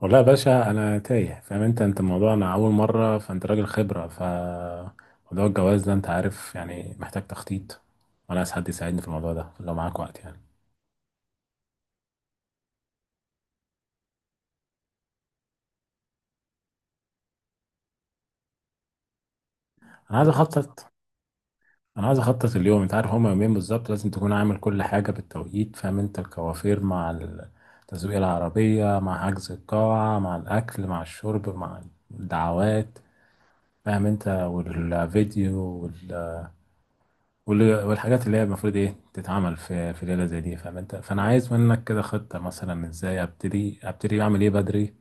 والله يا باشا، انا تايه. فاهم انت الموضوع؟ انا اول مره. فانت راجل خبره موضوع الجواز ده. انت عارف يعني، محتاج تخطيط. وانا عايز حد يساعدني في الموضوع ده لو معاك وقت يعني. انا عايز اخطط انا عايز اخطط اليوم. انت عارف هما يومين بالظبط، لازم تكون عامل كل حاجه بالتوقيت. فاهم انت؟ الكوافير مع تزويق العربيه، مع حجز القاعه، مع الاكل، مع الشرب، مع الدعوات. فاهم انت؟ والفيديو والحاجات اللي هي المفروض ايه تتعمل في ليله زي دي. فاهم انت؟ فانا عايز منك كده خطه، مثلا ازاي ابتدي اعمل ايه بدري،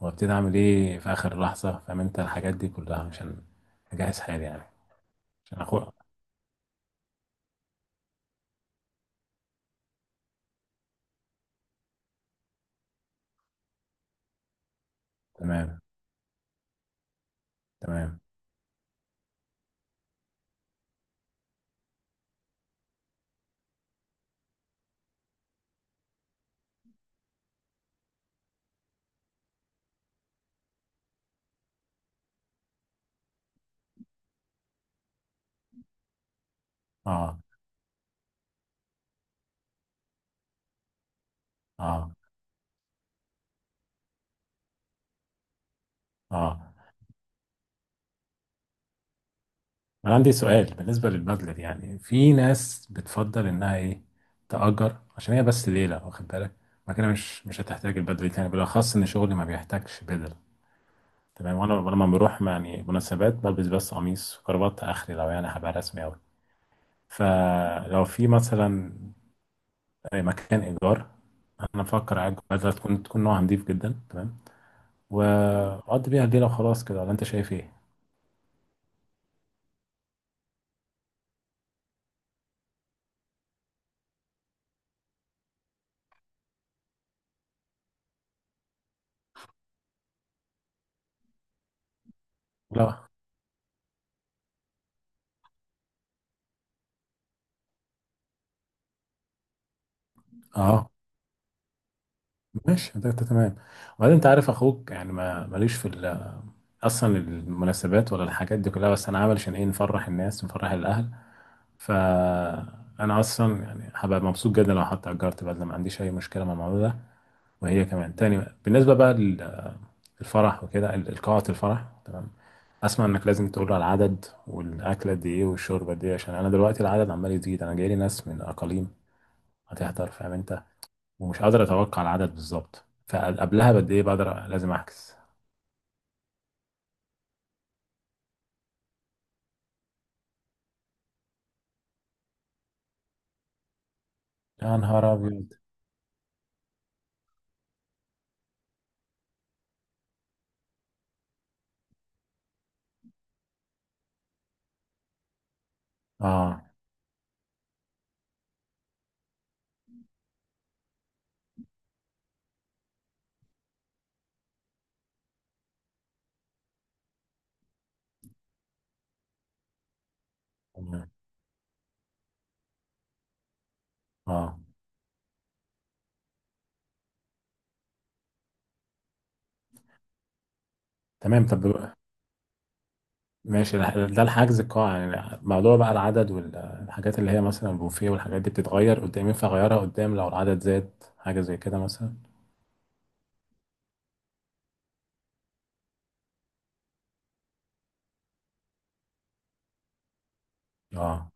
وابتدي اعمل ايه في اخر لحظه. فاهم انت؟ الحاجات دي كلها عشان اجهز حالي يعني. عشان اخو تمام، تمام، اه، اه، اه. انا عندي سؤال بالنسبه للبدله دي. يعني في ناس بتفضل انها ايه، تأجر. عشان هي بس ليله، واخد بالك؟ ما كده مش هتحتاج البدله دي تاني، بالاخص ان شغلي ما بيحتاجش بدل. تمام. وانا لما بروح يعني مناسبات، بلبس بس قميص وكرافات اخري لو يعني هبقى رسمي اوي. فلو في مثلا مكان ايجار، انا بفكر اجر بدله تكون نوعها نضيف جدا. تمام. واقضي بيها الليله وخلاص كده. ولا انت شايف ايه؟ لا، اه، ماشي. ده تمام. وبعدين انت عارف اخوك يعني، ما ماليش في اصلا المناسبات ولا الحاجات دي كلها. بس انا عامل عشان ايه، نفرح الناس، نفرح الاهل. ف انا اصلا يعني هبقى مبسوط جدا لو حتى اجرت بدله. ما عنديش اي مشكله مع الموضوع ده، وهي كمان تاني. بالنسبة بقى للفرح وكده، القاعة الفرح تمام. أسمع إنك لازم تقول على العدد، والأكلة دي إيه، والشوربة دي إيه، عشان أنا دلوقتي العدد عمال يزيد. أنا جايلي ناس من أقاليم هتحضر، فاهم أنت؟ ومش قادر أتوقع العدد بالظبط. فقبلها بقد إيه بقدر لازم أحجز؟ يا نهار أبيض. آه، تمام. آه، تمام. طب ماشي. ده الحجز القاعة يعني. موضوع بقى العدد والحاجات اللي هي مثلا البوفيه والحاجات دي بتتغير قدام. ينفع أغيرها قدام لو العدد زاد، حاجة زي كده مثلا؟ اه.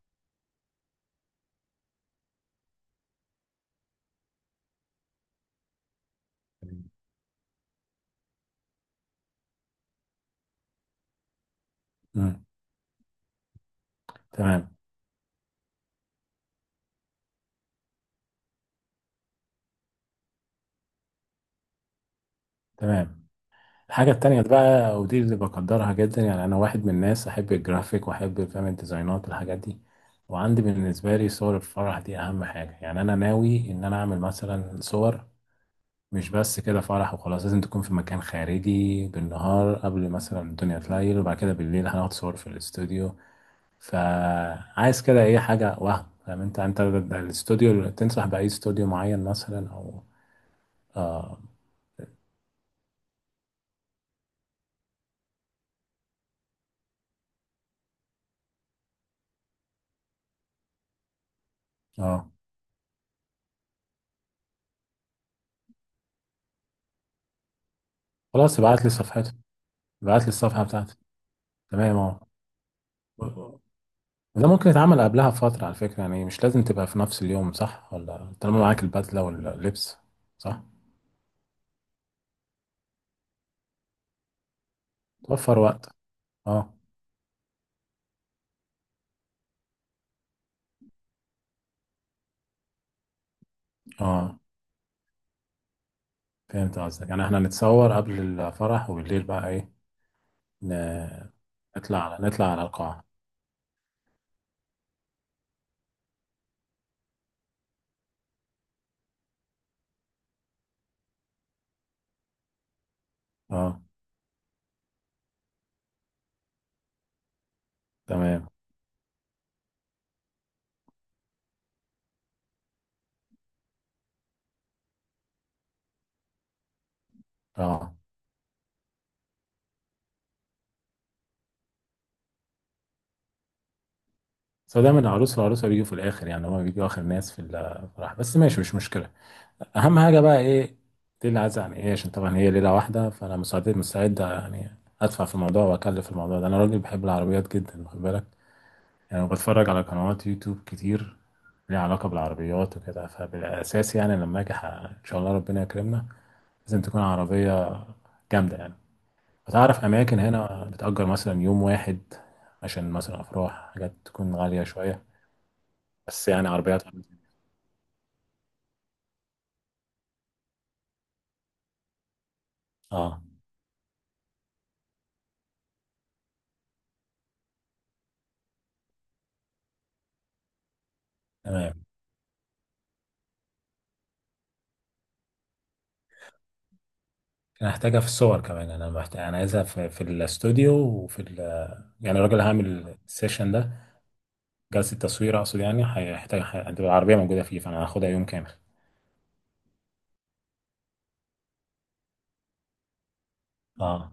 مم. تمام، تمام. الحاجة التانية بقى ودي اللي بقدرها جدا. يعني أنا واحد من الناس أحب الجرافيك وأحب فاهم الديزاينات، الحاجات دي. وعندي بالنسبة لي صور الفرح دي أهم حاجة. يعني أنا ناوي إن أنا أعمل مثلا صور مش بس كده فرح وخلاص. لازم تكون في مكان خارجي بالنهار قبل مثلا الدنيا تليل، وبعد كده بالليل هناخد صور في الاستوديو. فعايز كده أي حاجة، وهم فاهم أنت ده الاستوديو. تنصح بأي استوديو معين مثلا أو؟ آه، آه. خلاص، ابعت لي الصفحة بتاعته. تمام اهو. آه. ده ممكن يتعمل قبلها بفترة على فكرة، يعني مش لازم تبقى في نفس اليوم، صح؟ ولا طالما معاك البدلة واللبس، صح؟ توفر وقت. اه، اه. فهمت قصدك. يعني احنا نتصور قبل الفرح، وبالليل بقى ايه، ن- نطلع على القاعة. اه، تمام، اه. بس هو دايما العروس والعروسة بيجوا في الآخر. يعني هما بيجوا آخر ناس في الفرح، بس ماشي، مش مشكلة. اهم حاجه بقى ايه، ليله عايزه يعني ايه. عشان طبعا هي ليله واحده، فانا مستعد يعني ادفع في الموضوع واكلف في الموضوع ده. انا راجل بحب العربيات جدا، واخد بالك؟ يعني بتفرج على قنوات يوتيوب كتير ليها علاقه بالعربيات وكده. فبالاساس يعني لما اجي ان شاء الله ربنا يكرمنا، لازم تكون عربيه جامده يعني. فتعرف اماكن هنا بتأجر مثلا يوم واحد، عشان مثلا افراح، حاجات تكون غاليه شويه بس، يعني عربيات. اه، تمام. انا هحتاجها في الصور كمان. انا محتاج، انا عايزها في الاستوديو يعني الراجل اللي هعمل السيشن ده، جلسه تصوير اقصد، يعني هيحتاج هتبقى العربيه موجوده فيه. فانا هاخدها يوم كامل. اه،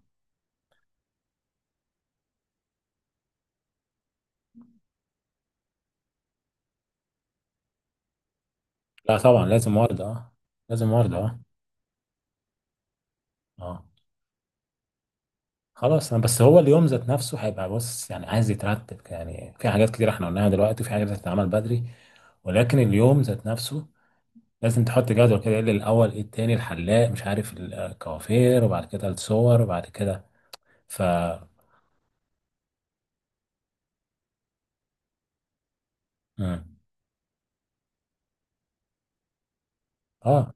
لا طبعا لازم ورد، اه لازم ورد، اه، اه. خلاص. انا بس هو اليوم ذات نفسه هيبقى، بص، يعني عايز يترتب. يعني في حاجات كتير احنا قلناها دلوقتي، وفي حاجات هتتعمل بدري، ولكن اليوم ذات نفسه لازم تحط جدول كده. ايه اللي الاول، ايه التاني، الحلاق، مش عارف، الكوافير، وبعد كده الصور، وبعد كده ف مم. اه،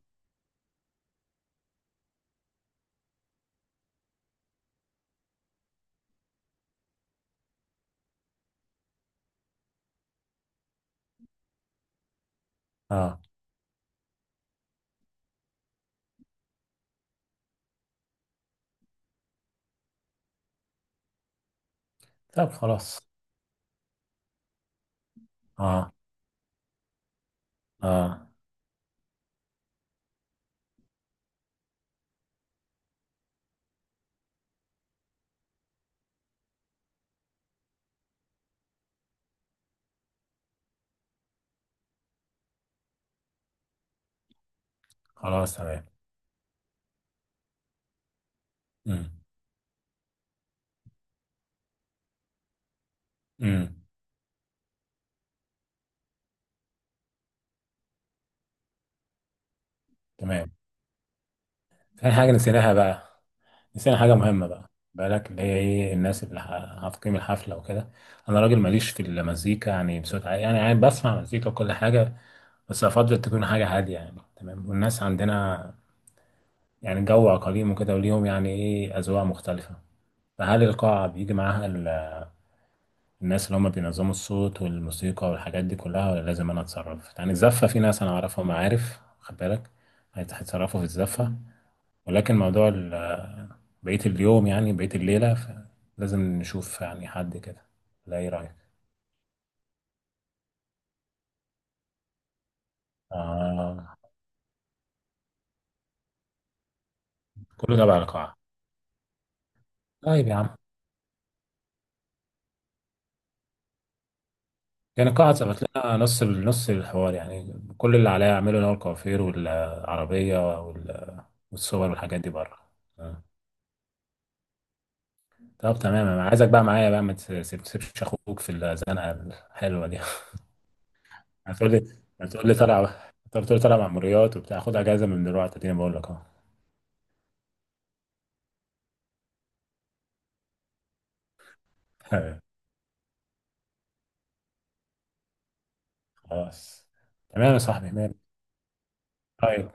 اه، طب خلاص، اه، اه، خلاص تمام. امم امم تمام. في حاجة نسيناها بقى. نسينا حاجة مهمة، بقى بالك؟ اللي هي ايه، الناس اللي هتقيم الحفلة وكده. انا راجل ماليش في المزيكا يعني بصوت عالي. يعني عادي بسمع مزيكا وكل حاجة، بس افضل تكون حاجة هادية يعني. تمام. والناس عندنا يعني جو عقليم وكده، وليهم يعني ايه، اذواق مختلفة. فهل القاعة بيجي معاها الناس اللي هم بينظموا الصوت والموسيقى والحاجات دي كلها؟ ولا لازم انا اتصرف؟ يعني الزفه في ناس انا اعرفهم، عارف، خد بالك، هيتصرفوا في الزفه. ولكن موضوع بقيه اليوم، يعني بقيه الليله، لازم نشوف يعني حد كده. لا، ايه رايك؟ آه، كله تبع القاعه. طيب يا عم. يعني القاعه ظبط لنا نص الحوار. يعني كل اللي عليا اعمله اللي هو الكوافير والعربيه والصور والحاجات دي بره. آه. طب تمام. انا عايزك بقى معايا، بقى ما تسيبش اخوك في الزنقه الحلوه دي. هتقول لي طالع، طب تقول لي طالع مأموريات وبتاع. خد اجازه من دلوقتي، اديني، بقول لك اهو. خلاص تمام يا صاحبي مال. طيب،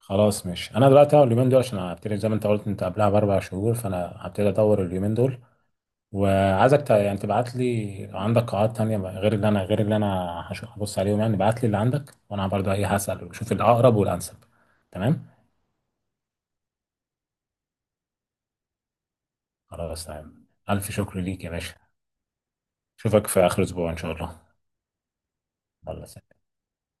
خلاص ماشي. انا دلوقتي اهو اليومين دول عشان هبتدي زي ما انت قلت انت قبلها ب4 شهور، فانا هبتدي ادور اليومين دول. وعايزك يعني تبعت لي عندك قاعات تانية بقى، غير اللي انا، هبص عليهم يعني. ابعت لي اللي عندك وانا برضه ايه هسأل واشوف الاقرب والانسب. تمام. خلاص تمام. ألف شكر ليك يا باشا. أشوفك في آخر أسبوع إن شاء الله. الله يسلمك.